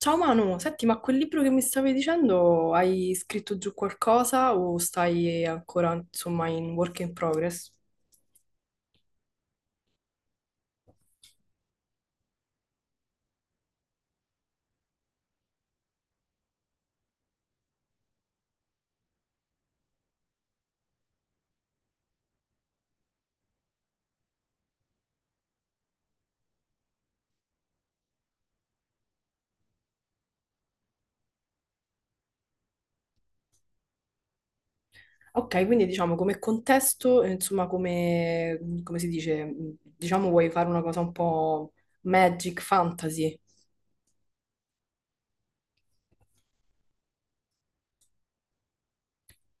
Ciao Manu, senti, ma quel libro che mi stavi dicendo, hai scritto giù qualcosa o stai ancora, insomma, in work in progress? Ok, quindi diciamo come contesto, insomma, come si dice, diciamo vuoi fare una cosa un po' magic fantasy,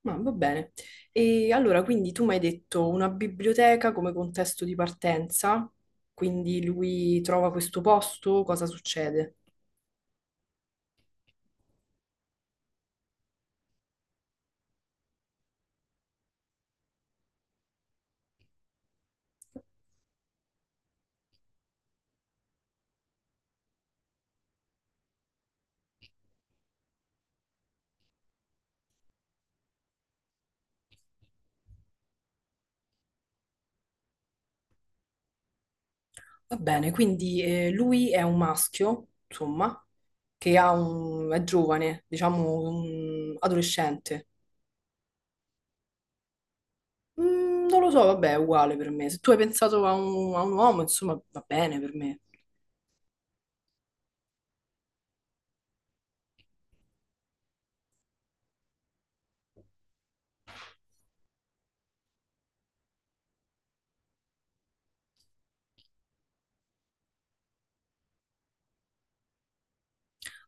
ma va bene. E allora, quindi tu mi hai detto una biblioteca come contesto di partenza, quindi lui trova questo posto, cosa succede? Va bene, quindi lui è un maschio, insomma, che è giovane, diciamo un adolescente. Non lo so, vabbè, è uguale per me. Se tu hai pensato a un uomo, insomma, va bene per me.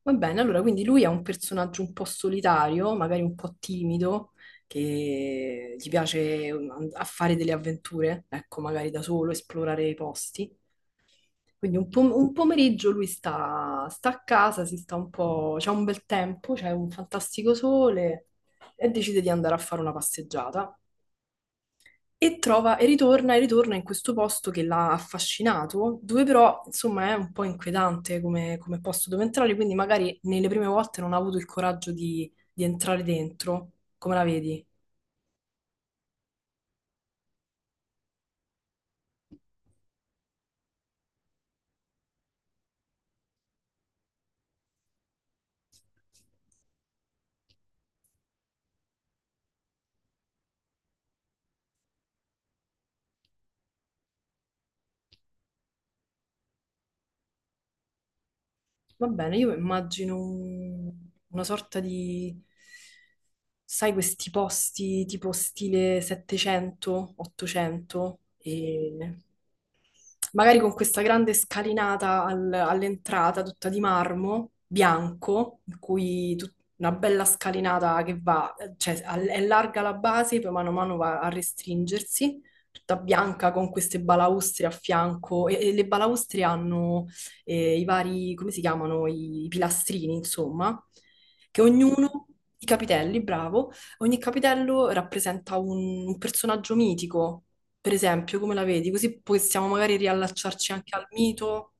Va bene, allora, quindi lui è un personaggio un po' solitario, magari un po' timido, che gli piace a fare delle avventure, ecco, magari da solo, esplorare i posti. Quindi un pomeriggio lui sta a casa, si sta un po', c'è un bel tempo, c'è un fantastico sole e decide di andare a fare una passeggiata. E trova e ritorna in questo posto che l'ha affascinato, dove però insomma è un po' inquietante come posto dove entrare, quindi magari nelle prime volte non ha avuto il coraggio di entrare dentro. Come la vedi? Va bene, io immagino una sorta di, sai, questi posti tipo stile 700, 800 e magari con questa grande scalinata all'entrata, tutta di marmo bianco, in cui una bella scalinata che va, cioè è larga la base, poi mano a mano va a restringersi, tutta bianca con queste balaustre a fianco e le balaustre hanno i vari, come si chiamano, i pilastrini, insomma, che ognuno, i capitelli, bravo, ogni capitello rappresenta un personaggio mitico. Per esempio, come la vedi? Così possiamo magari riallacciarci anche al mito.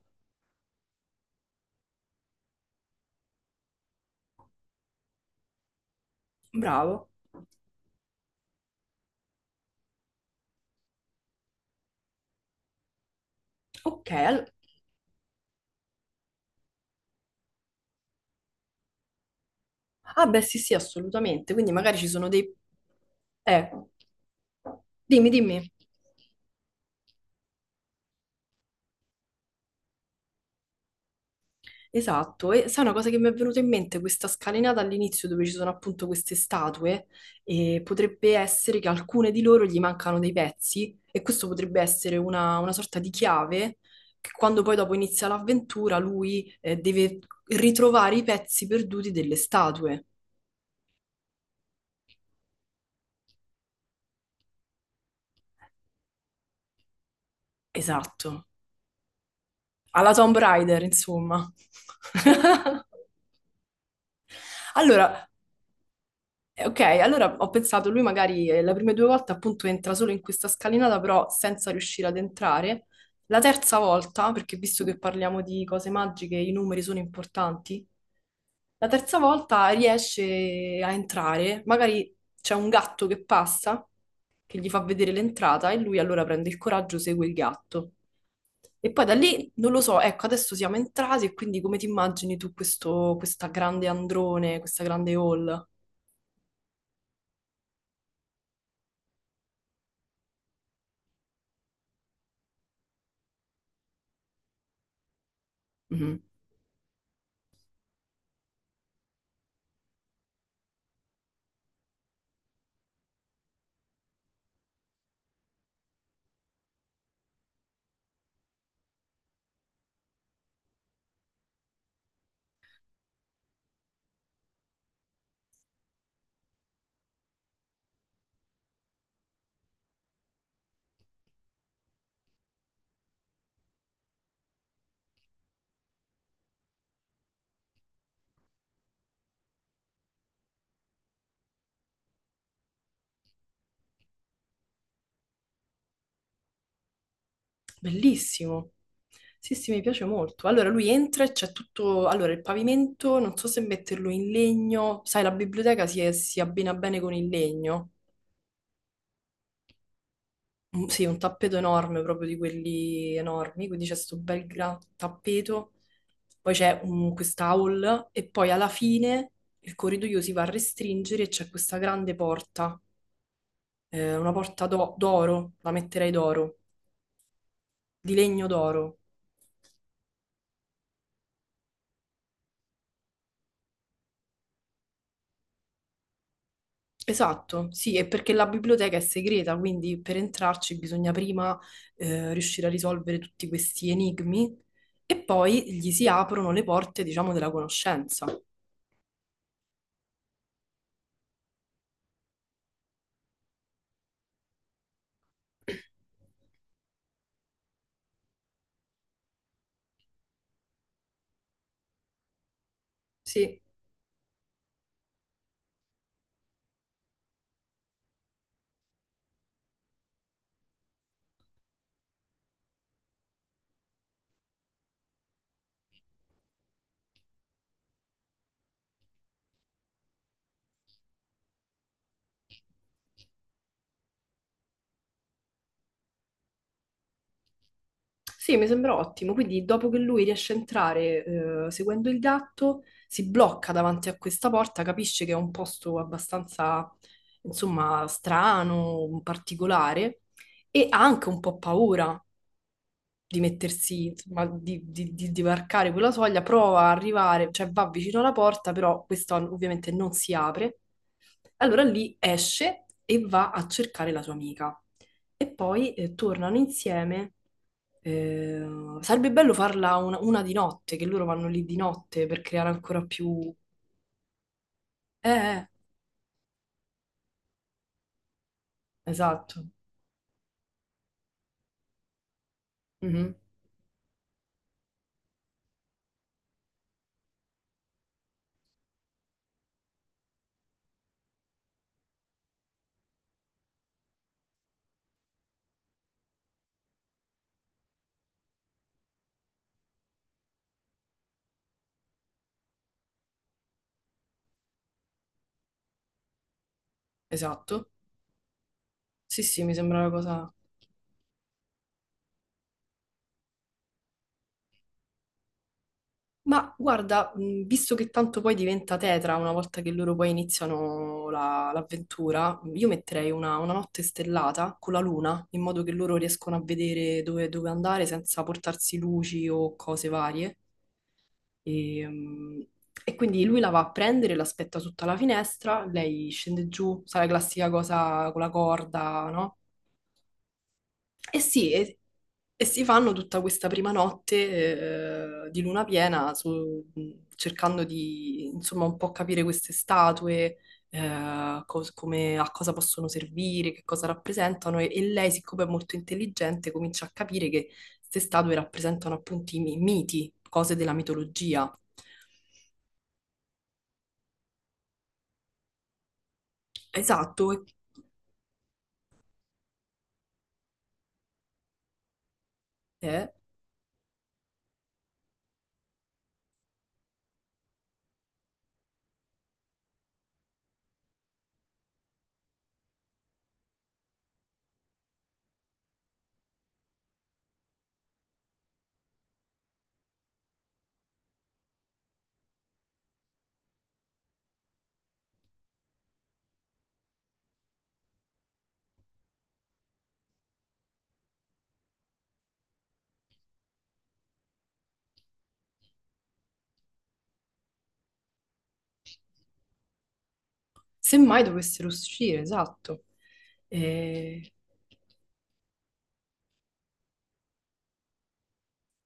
Bravo. Ok. Ah, beh, sì, sì, assolutamente. Quindi magari ci sono dei. Eh, dimmi, dimmi. Esatto, e sai una cosa che mi è venuta in mente, questa scalinata all'inizio dove ci sono appunto queste statue, e potrebbe essere che alcune di loro gli mancano dei pezzi e questo potrebbe essere una sorta di chiave che quando poi dopo inizia l'avventura lui deve ritrovare i pezzi perduti delle statue. Esatto, alla Tomb Raider, insomma. Allora, Ok, allora ho pensato, lui magari le prime due volte appunto entra solo in questa scalinata, però senza riuscire ad entrare. La terza volta, perché visto che parliamo di cose magiche, i numeri sono importanti, la terza volta riesce a entrare, magari c'è un gatto che passa, che gli fa vedere l'entrata e lui allora prende il coraggio, segue il gatto. E poi da lì, non lo so, ecco, adesso siamo entrati e quindi come ti immagini tu questo, questa grande androne, questa grande hall? Mhm. Bellissimo. Sì, sì, mi piace molto. Allora lui entra e c'è tutto. Allora il pavimento, non so se metterlo in legno. Sai, la biblioteca si abbina bene con il legno. Mm, sì, un tappeto enorme, proprio di quelli enormi. Quindi c'è questo bel gran tappeto. Poi c'è questa hall e poi alla fine il corridoio si va a restringere e c'è questa grande porta. Una porta d'oro, la metterei d'oro, di legno d'oro. Esatto, sì, è perché la biblioteca è segreta, quindi per entrarci bisogna prima riuscire a risolvere tutti questi enigmi e poi gli si aprono le porte, diciamo, della conoscenza. Sì, sì, mi sembra ottimo. Quindi dopo che lui riesce a entrare seguendo il gatto, si blocca davanti a questa porta, capisce che è un posto abbastanza, insomma, strano, particolare e ha anche un po' paura, di mettersi, insomma, di varcare quella soglia, prova a arrivare, cioè va vicino alla porta, però questa ovviamente non si apre. Allora lì esce e va a cercare la sua amica. E poi tornano insieme. Eh, sarebbe bello farla una di notte, che loro vanno lì di notte per creare ancora più. Eh, eh, esatto. Mhm, esatto. Sì, sì, mi sembra una cosa. Ma guarda, visto che tanto poi diventa tetra una volta che loro poi iniziano l'avventura, io metterei una notte stellata con la luna, in modo che loro riescono a vedere dove andare senza portarsi luci o cose varie. E, mh, e quindi lui la va a prendere, l'aspetta sotto la finestra, lei scende giù, sai la classica cosa con la corda, no? E sì, e si fanno tutta questa prima notte di luna piena cercando di insomma un po' capire queste statue, a cosa possono servire, che cosa rappresentano e lei, siccome è molto intelligente, comincia a capire che queste statue rappresentano appunto i miti, cose della mitologia. Esatto, eh, semmai dovessero uscire, esatto. Eh,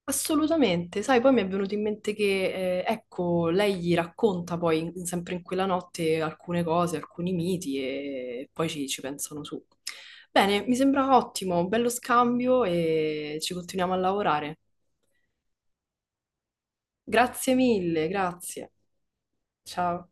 Assolutamente, sai, poi mi è venuto in mente che, ecco, lei gli racconta poi, sempre in quella notte, alcune cose, alcuni miti e poi ci pensano su. Bene, mi sembra ottimo, bello scambio e ci continuiamo a lavorare. Grazie mille, grazie. Ciao.